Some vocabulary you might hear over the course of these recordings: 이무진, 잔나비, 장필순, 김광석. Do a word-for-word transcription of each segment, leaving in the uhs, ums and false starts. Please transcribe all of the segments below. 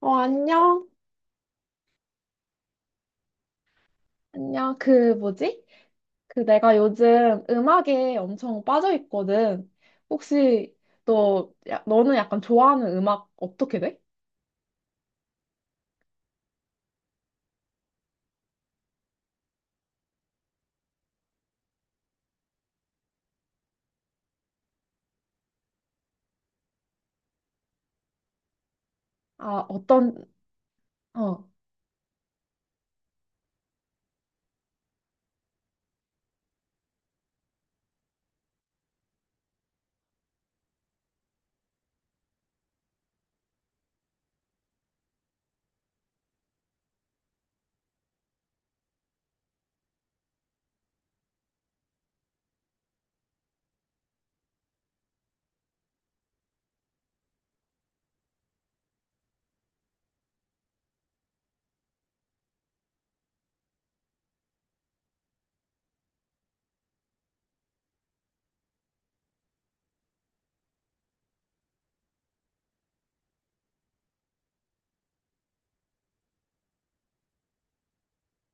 어, 안녕. 안녕. 그, 뭐지? 그, 내가 요즘 음악에 엄청 빠져 있거든. 혹시, 너, 야, 너는 약간 좋아하는 음악 어떻게 돼? 아, 어떤, 어,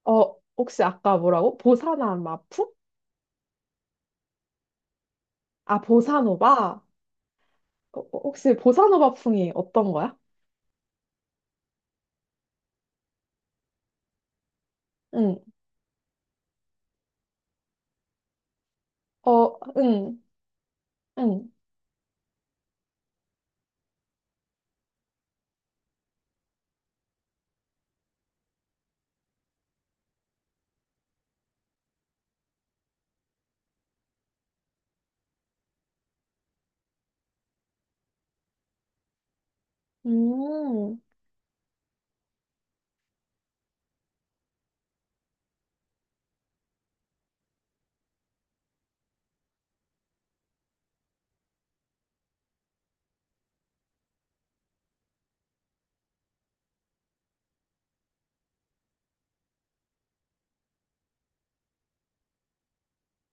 어, 혹시 아까 뭐라고? 보사나 마풍? 아, 보사노바? 어, 어, 혹시 보사노바 풍이 어떤 거야? 응, 어, 응, 응, 음,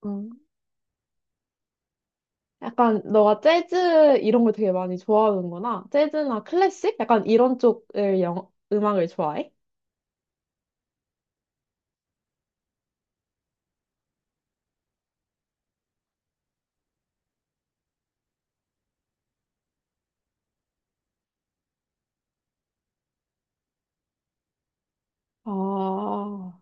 응. 약간 너가 재즈 이런 걸 되게 많이 좋아하는구나. 재즈나 클래식? 약간 이런 쪽을 영, 음악을 좋아해? 아,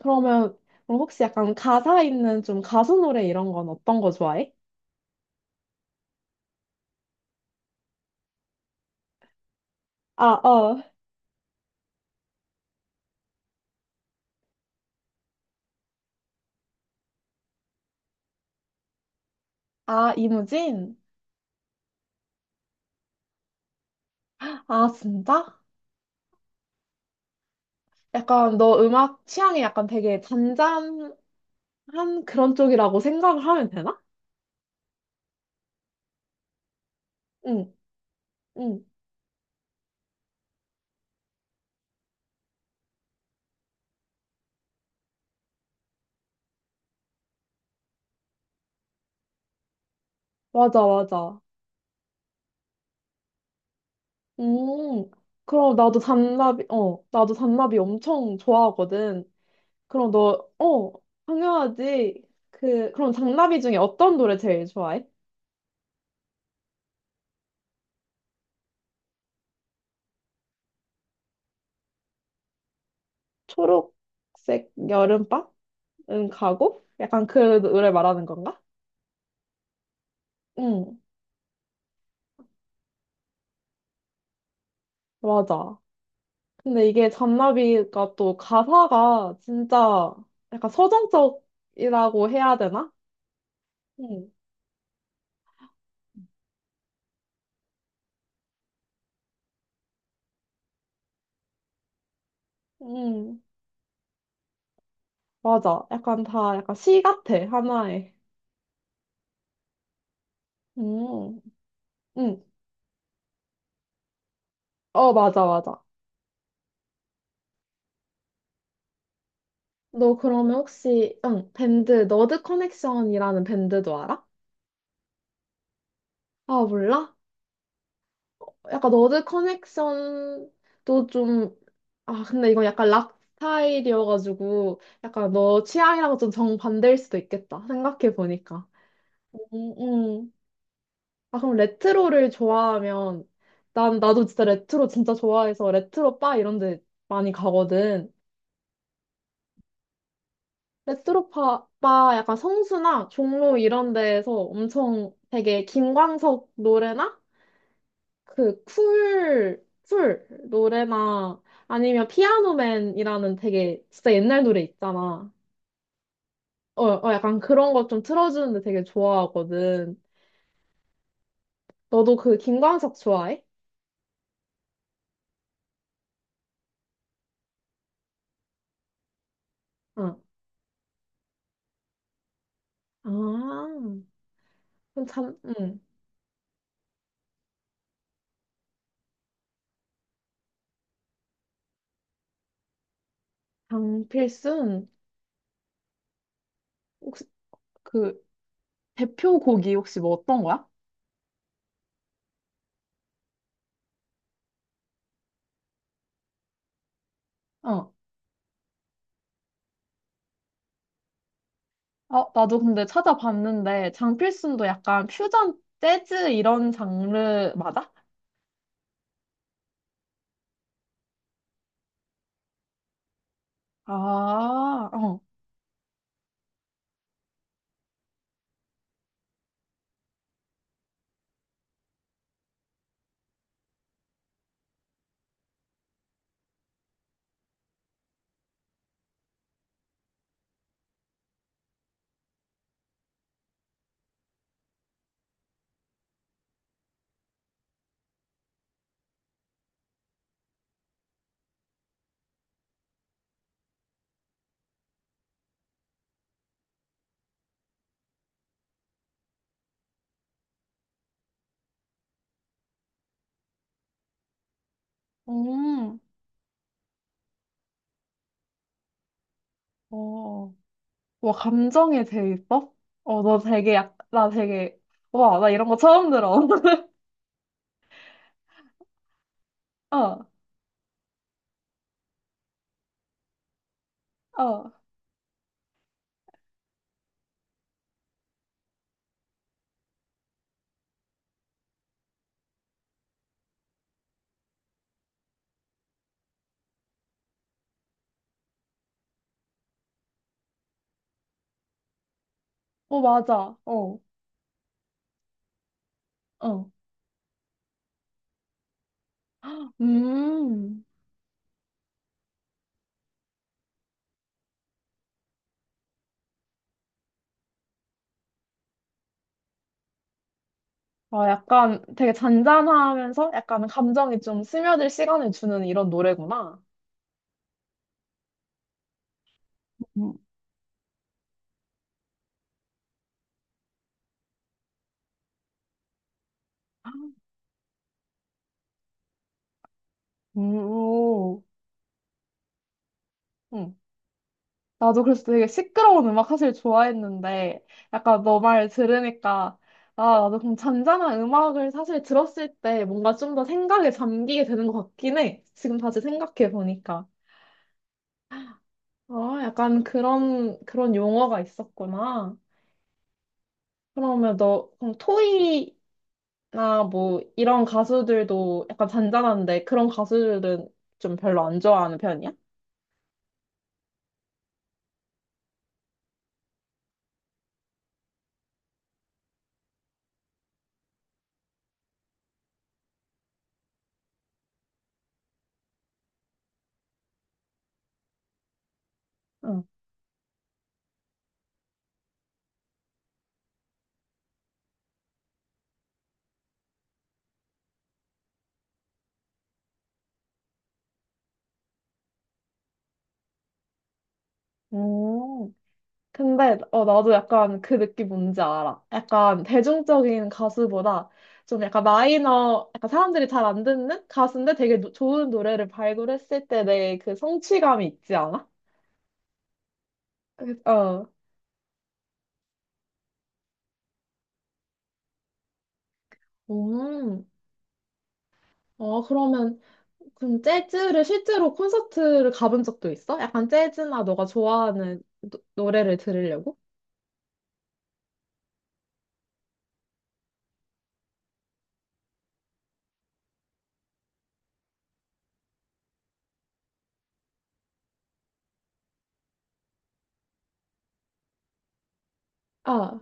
그러면 그럼 혹시 약간 가사 있는 좀 가수 노래 이런 건 어떤 거 좋아해? 아, 어. 아, 이무진? 아, 진짜? 약간 너 음악 취향이 약간 되게 잔잔한 그런 쪽이라고 생각을 하면 되나? 응, 응. 맞아, 맞아. 음, 그럼 나도 잔나비, 어, 나도 잔나비 엄청 좋아하거든. 그럼 너, 어, 당연하지. 그, 그럼 장나비 중에 어떤 노래 제일 좋아해? 초록색 여름밤? 은 가고? 약간 그 노래 말하는 건가? 응, 맞아. 근데 이게 잔나비가 또 가사가 진짜 약간 서정적이라고 해야 되나? 응, 응, 맞아. 약간 다 약간 시 같아, 하나에. 응, 응, 어, 맞아, 맞아. 너 그러면 혹시, 응, 밴드, 너드 커넥션이라는 밴드도 알아? 아, 몰라? 약간 너드 커넥션도 좀, 아, 근데 이건 약간 락 스타일이어가지고, 약간 너 취향이랑 좀 정반대일 수도 있겠다. 생각해보니까. 음, 음. 아, 그럼 레트로를 좋아하면, 난, 나도 진짜 레트로 진짜 좋아해서 레트로 바 이런 데 많이 가거든. 레트로 바, 바 약간 성수나 종로 이런 데에서 엄청 되게 김광석 노래나 그 쿨, 쿨 노래나 아니면 피아노맨이라는 되게 진짜 옛날 노래 있잖아. 어, 어 약간 그런 거 좀 틀어주는데 되게 좋아하거든. 너도 그 김광석 좋아해? 어. 아, 그럼 참, 응. 장필순 혹시 그 대표곡이 혹시 뭐 어떤 거야? 어. 아, 나도 근데 찾아봤는데 장필순도 약간 퓨전 재즈 이런 장르 맞아? 아, 어. 음. 어. 와, 감정에 대입법? 어, 너 되게 약, 나 되게, 와, 나 이런 거 처음 들어. 어, 어, 어, 맞아. 어, 어. 음, 아, 약간 되게 잔잔하면서 약간 감정이 좀 스며들 시간을 주는 이런 노래구나. 음, 음, 오. 응. 나도 그래서 되게 시끄러운 음악 사실 좋아했는데, 약간 너 말 들으니까, 아, 나도 그럼 잔잔한 음악을 사실 들었을 때 뭔가 좀 더 생각에 잠기게 되는 것 같긴 해. 지금 다시 생각해 보니까. 아, 약간 그런, 그런 용어가 있었구나. 그러면 너, 그럼 토이나 뭐 이런 가수들도 약간 잔잔한데 그런 가수들은 좀 별로 안 좋아하는 편이야? 응. 오. 근데 어 나도 약간 그 느낌 뭔지 알아. 약간 대중적인 가수보다 좀 약간 마이너, 약간 사람들이 잘 안 듣는 가수인데 되게 노- 좋은 노래를 발굴했을 때 내 그 성취감이 있지 않아? 그- 어, 음, 어 그러면 그럼 재즈를 실제로 콘서트를 가본 적도 있어? 약간 재즈나 너가 좋아하는 노, 노래를 들으려고? 아,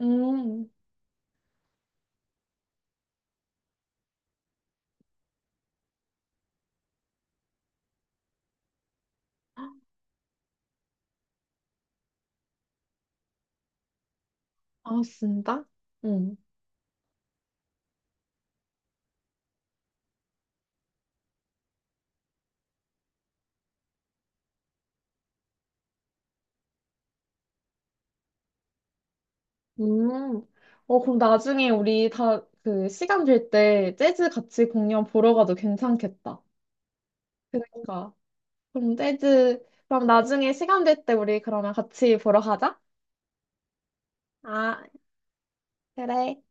음, 아 진짜? 응. 음. 어, 그럼 나중에 우리 다 그 시간 될 때 재즈 같이 공연 보러 가도 괜찮겠다. 그러니까. 그럼 재즈, 그럼 나중에 시간 될 때 우리 그러면 같이 보러 가자. 아, 그래.